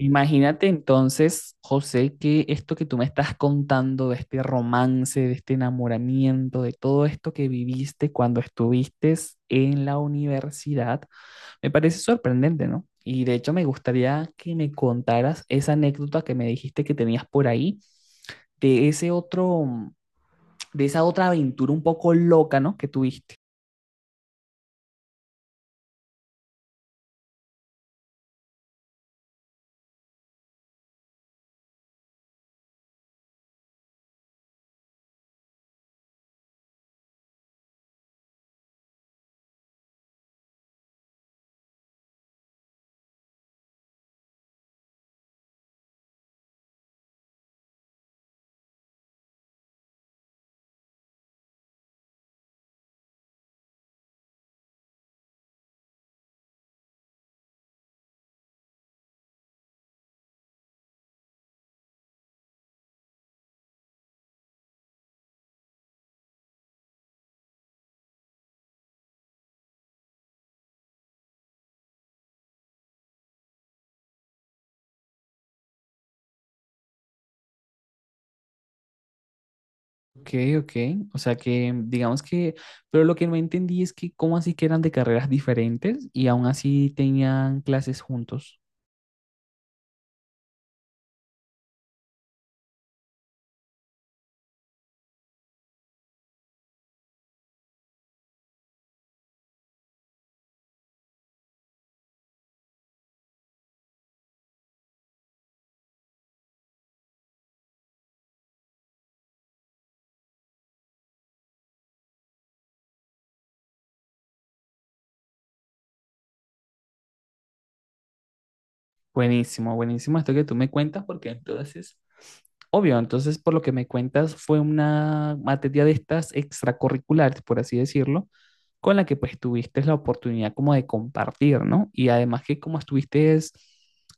Imagínate entonces, José, que esto que tú me estás contando de este romance, de este enamoramiento, de todo esto que viviste cuando estuviste en la universidad, me parece sorprendente, ¿no? Y de hecho me gustaría que me contaras esa anécdota que me dijiste que tenías por ahí, de ese otro, de esa otra aventura un poco loca, ¿no? Que tuviste. Ok, ok. O sea que digamos que, pero lo que no entendí es que cómo así que eran de carreras diferentes y aún así tenían clases juntos. Buenísimo, buenísimo esto que tú me cuentas, porque entonces, obvio, entonces por lo que me cuentas fue una materia de estas extracurriculares, por así decirlo, con la que pues tuviste la oportunidad como de compartir, ¿no? Y además que como estuviste, es,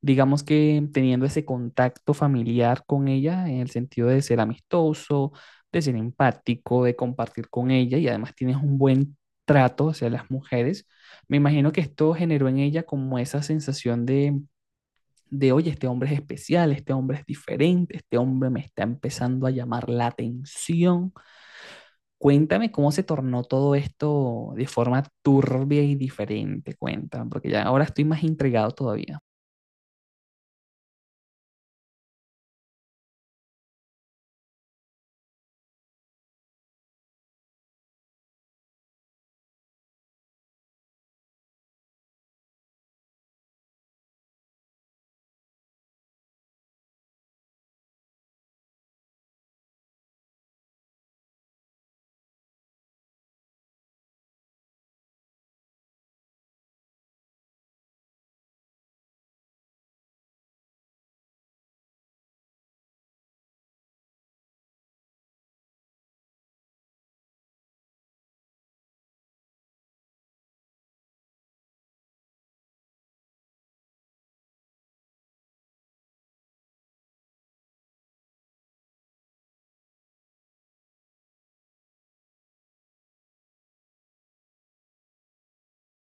digamos que teniendo ese contacto familiar con ella en el sentido de ser amistoso, de ser empático, de compartir con ella y además tienes un buen trato hacia las mujeres, me imagino que esto generó en ella como esa sensación de, oye, este hombre es especial, este hombre es diferente, este hombre me está empezando a llamar la atención. Cuéntame cómo se tornó todo esto de forma turbia y diferente, cuéntame, porque ya ahora estoy más intrigado todavía.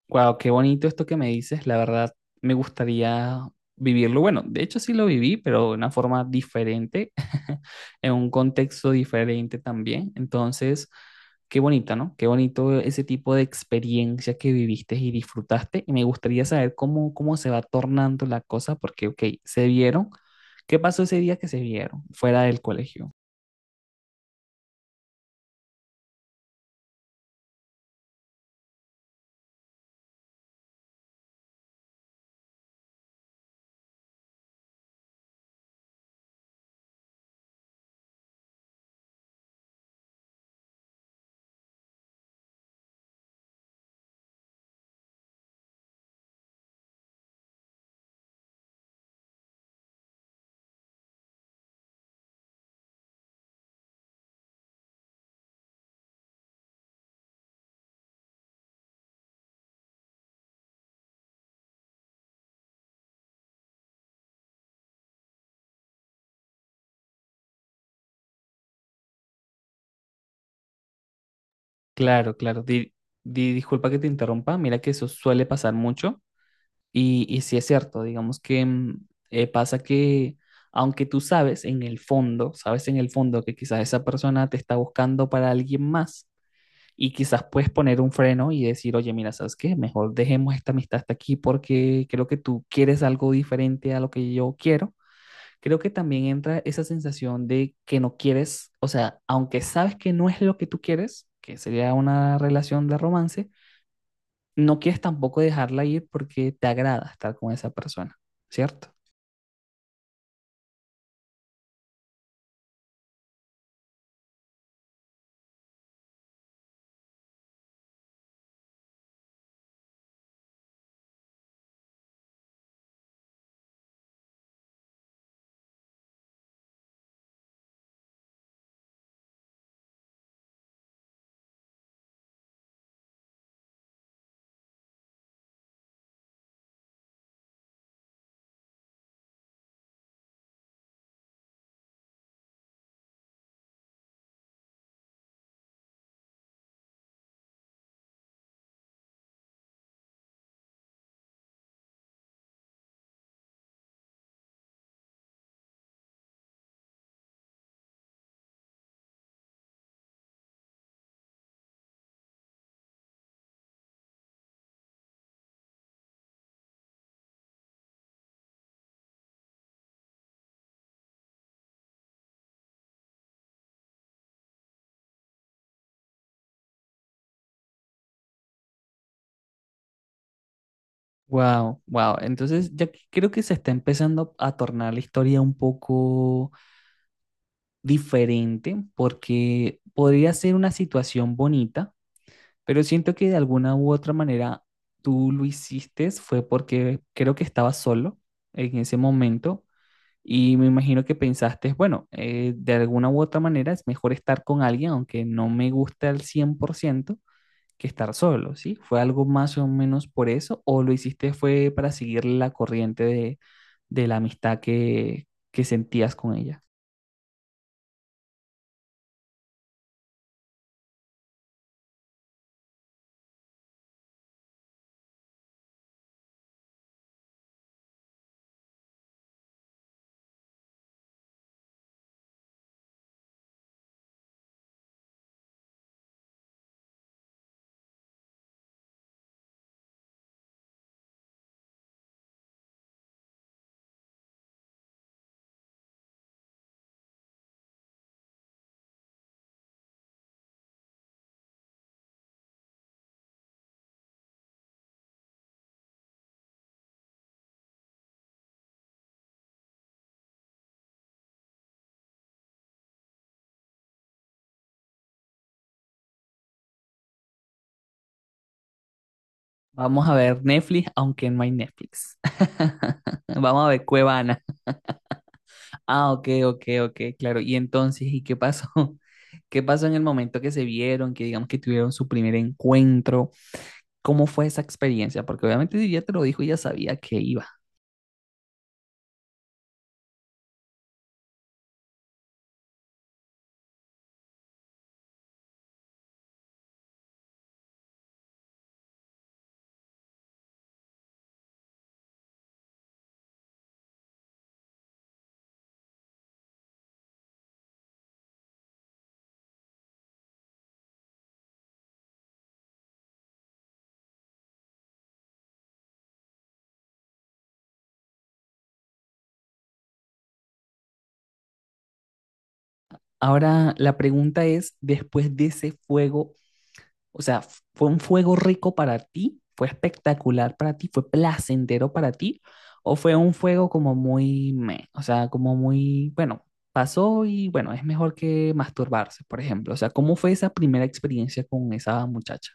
Wow, qué bonito esto que me dices. La verdad, me gustaría vivirlo. Bueno, de hecho sí lo viví, pero de una forma diferente, en un contexto diferente también. Entonces, qué bonita, ¿no? Qué bonito ese tipo de experiencia que viviste y disfrutaste. Y me gustaría saber cómo, cómo se va tornando la cosa, porque, ok, se vieron. ¿Qué pasó ese día que se vieron fuera del colegio? Claro, claro. Disculpa que te interrumpa. Mira que eso suele pasar mucho. Y sí es cierto, digamos que pasa que aunque tú sabes en el fondo, sabes en el fondo que quizás esa persona te está buscando para alguien más y quizás puedes poner un freno y decir, oye, mira, ¿sabes qué? Mejor dejemos esta amistad hasta aquí porque creo que tú quieres algo diferente a lo que yo quiero. Creo que también entra esa sensación de que no quieres, o sea, aunque sabes que no es lo que tú quieres, que sería una relación de romance, no quieres tampoco dejarla ir porque te agrada estar con esa persona, ¿cierto? Wow, wow. Entonces ya que, creo que se está empezando a tornar la historia un poco diferente porque podría ser una situación bonita, pero siento que de alguna u otra manera tú lo hiciste fue porque creo que estabas solo en ese momento y me imagino que pensaste, bueno, de alguna u otra manera es mejor estar con alguien aunque no me gusta al 100% que estar solo, ¿sí? ¿Fue algo más o menos por eso o lo hiciste fue para seguir la corriente de la amistad que sentías con ella? Vamos a ver Netflix, aunque no hay Netflix. Vamos a ver Cuevana. Ah, ok, ok, ok, claro. Y entonces, ¿y qué pasó? ¿Qué pasó en el momento que se vieron, que digamos que tuvieron su primer encuentro? ¿Cómo fue esa experiencia? Porque obviamente si ya te lo dijo, ya sabía que iba. Ahora, la pregunta es, después de ese fuego, o sea, fue un fuego rico para ti, fue espectacular para ti, fue placentero para ti, o fue un fuego como muy, meh, o sea, como muy, bueno, pasó y bueno, es mejor que masturbarse, por ejemplo. O sea, ¿cómo fue esa primera experiencia con esa muchacha?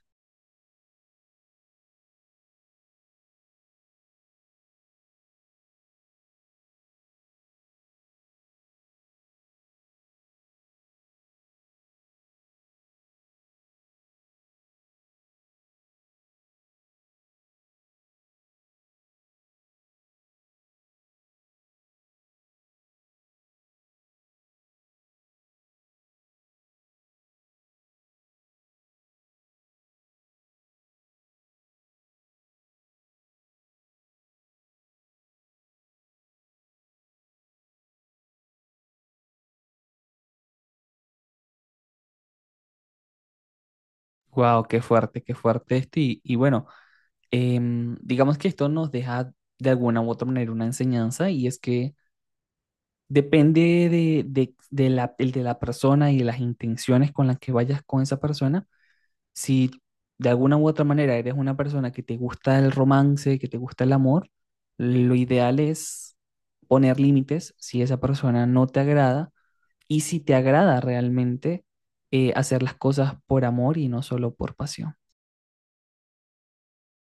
Wow, qué fuerte esto. Y bueno, em, digamos que esto nos deja de alguna u otra manera una enseñanza y es que depende de la, el de la persona y de las intenciones con las que vayas con esa persona, si de alguna u otra manera eres una persona que te gusta el romance, que te gusta el amor, lo ideal es poner límites si esa persona no te agrada y si te agrada realmente hacer las cosas por amor y no solo por pasión.